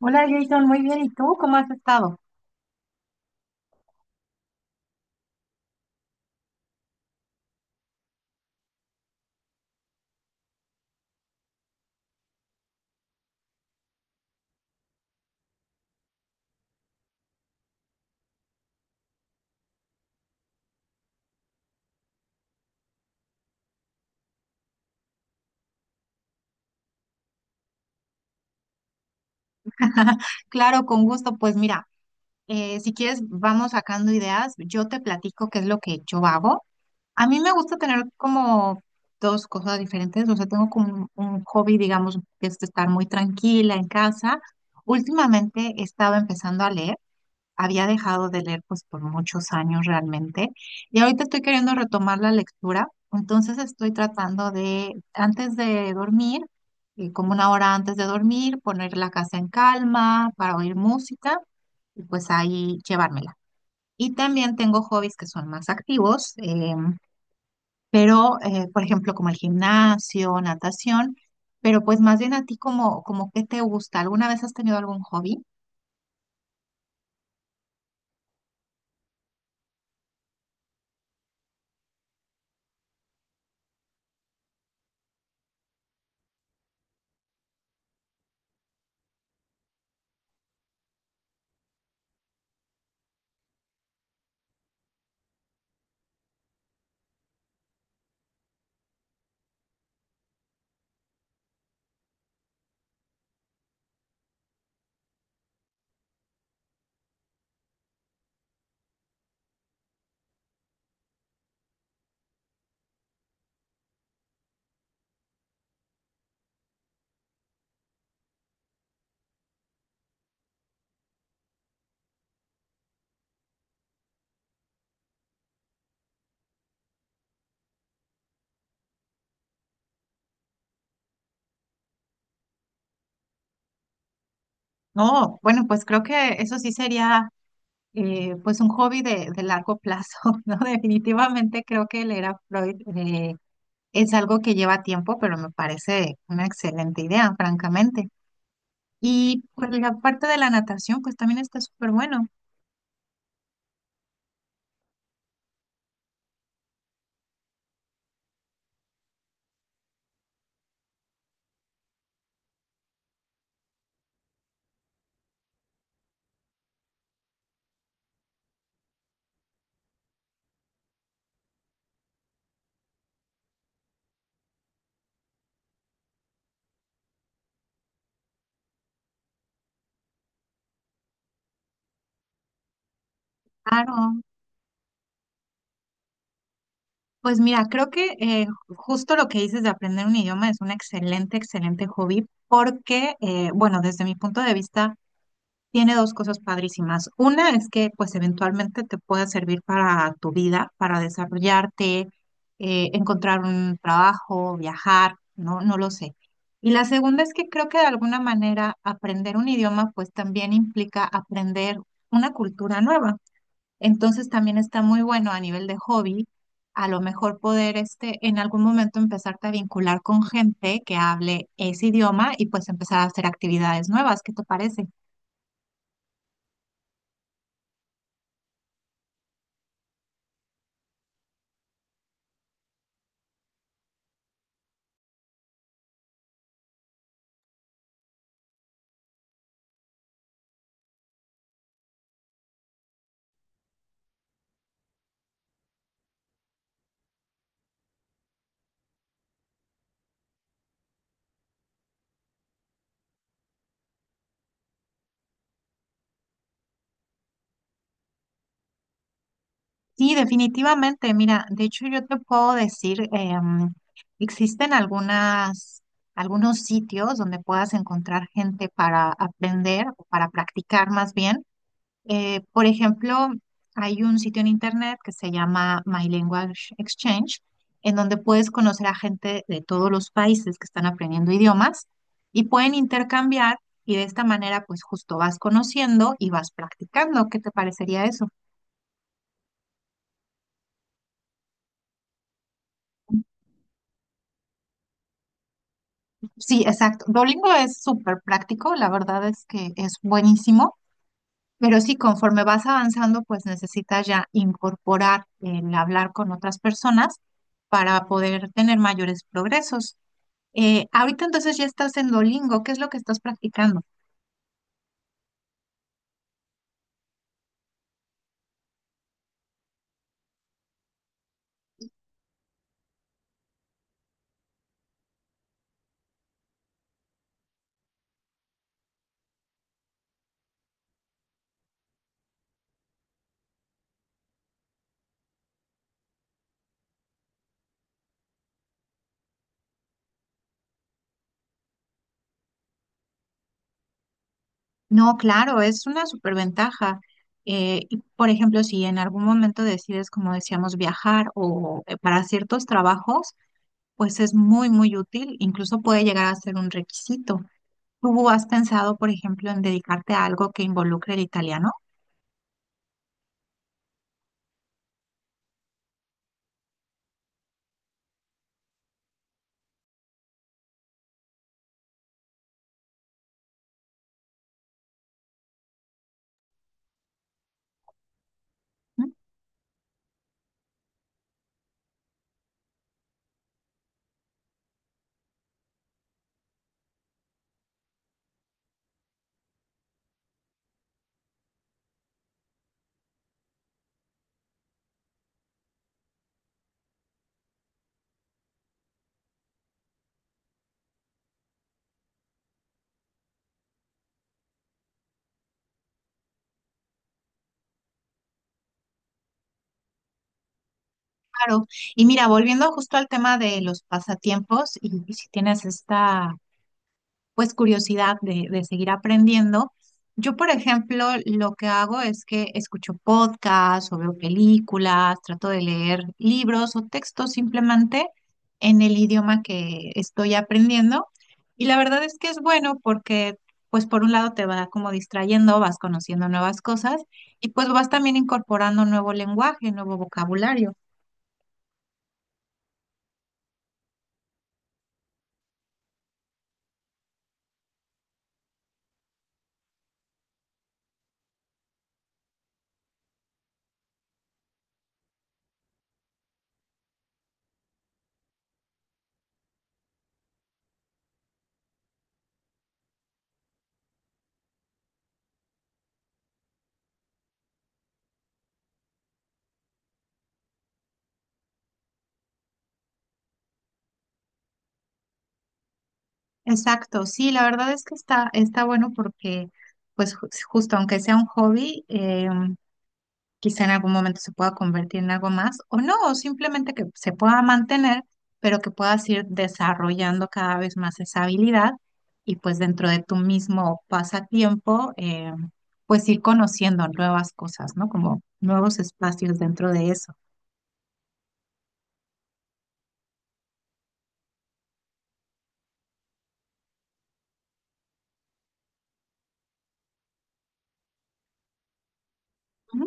Hola Jason, muy bien. ¿Y tú cómo has estado? Claro, con gusto. Pues mira, si quieres vamos sacando ideas. Yo te platico qué es lo que yo hago. A mí me gusta tener como dos cosas diferentes. O sea, tengo como un hobby, digamos, que es estar muy tranquila en casa. Últimamente he estado empezando a leer. Había dejado de leer pues por muchos años realmente, y ahorita estoy queriendo retomar la lectura. Entonces estoy tratando de antes de dormir, como una hora antes de dormir, poner la casa en calma para oír música y pues ahí llevármela. Y también tengo hobbies que son más activos, pero por ejemplo como el gimnasio, natación, pero pues más bien a ti como, como qué te gusta. ¿Alguna vez has tenido algún hobby? No, bueno, pues creo que eso sí sería pues un hobby de largo plazo, ¿no? Definitivamente creo que leer a Freud es algo que lleva tiempo, pero me parece una excelente idea, francamente. Y pues la parte de la natación, pues también está súper bueno. Claro. Pues mira, creo que justo lo que dices de aprender un idioma es un excelente, excelente hobby porque, bueno, desde mi punto de vista, tiene dos cosas padrísimas. Una es que pues eventualmente te pueda servir para tu vida, para desarrollarte, encontrar un trabajo, viajar, no, no lo sé. Y la segunda es que creo que de alguna manera aprender un idioma pues también implica aprender una cultura nueva. Entonces también está muy bueno a nivel de hobby, a lo mejor poder este en algún momento empezarte a vincular con gente que hable ese idioma y pues empezar a hacer actividades nuevas. ¿Qué te parece? Sí, definitivamente. Mira, de hecho yo te puedo decir, existen algunas, algunos sitios donde puedas encontrar gente para aprender o para practicar más bien. Por ejemplo, hay un sitio en internet que se llama My Language Exchange, en donde puedes conocer a gente de todos los países que están aprendiendo idiomas y pueden intercambiar, y de esta manera pues justo vas conociendo y vas practicando. ¿Qué te parecería eso? Sí, exacto. Duolingo es súper práctico, la verdad es que es buenísimo, pero sí, conforme vas avanzando, pues necesitas ya incorporar el hablar con otras personas para poder tener mayores progresos. Ahorita entonces ya estás en Duolingo, ¿qué es lo que estás practicando? No, claro, es una súper ventaja. Por ejemplo, si en algún momento decides, como decíamos, viajar o para ciertos trabajos, pues es muy, muy útil, incluso puede llegar a ser un requisito. ¿Tú has pensado, por ejemplo, en dedicarte a algo que involucre el italiano? Mm. Claro. Y mira, volviendo justo al tema de los pasatiempos, y si tienes esta pues curiosidad de seguir aprendiendo. Yo, por ejemplo, lo que hago es que escucho podcasts o veo películas, trato de leer libros o textos simplemente en el idioma que estoy aprendiendo. Y la verdad es que es bueno porque, pues, por un lado te va como distrayendo, vas conociendo nuevas cosas y pues vas también incorporando nuevo lenguaje, nuevo vocabulario. Exacto, sí, la verdad es que está, está bueno porque, pues, justo aunque sea un hobby, quizá en algún momento se pueda convertir en algo más o no, o simplemente que se pueda mantener, pero que puedas ir desarrollando cada vez más esa habilidad y pues dentro de tu mismo pasatiempo, pues ir conociendo nuevas cosas, ¿no? Como nuevos espacios dentro de eso. Ujú.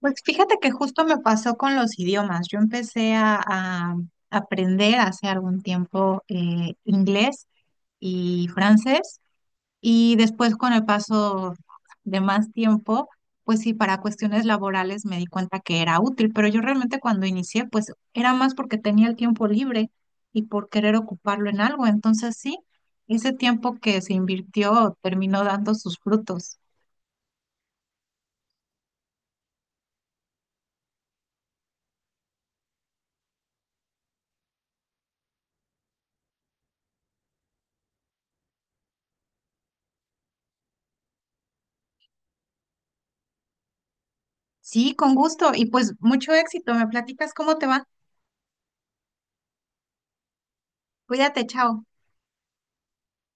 Pues fíjate que justo me pasó con los idiomas. Yo empecé a aprender hace algún tiempo inglés y francés. Y después con el paso de más tiempo, pues sí, para cuestiones laborales me di cuenta que era útil, pero yo realmente cuando inicié, pues era más porque tenía el tiempo libre y por querer ocuparlo en algo. Entonces sí, ese tiempo que se invirtió terminó dando sus frutos. Sí, con gusto y pues mucho éxito. ¿Me platicas cómo te va? Cuídate, chao.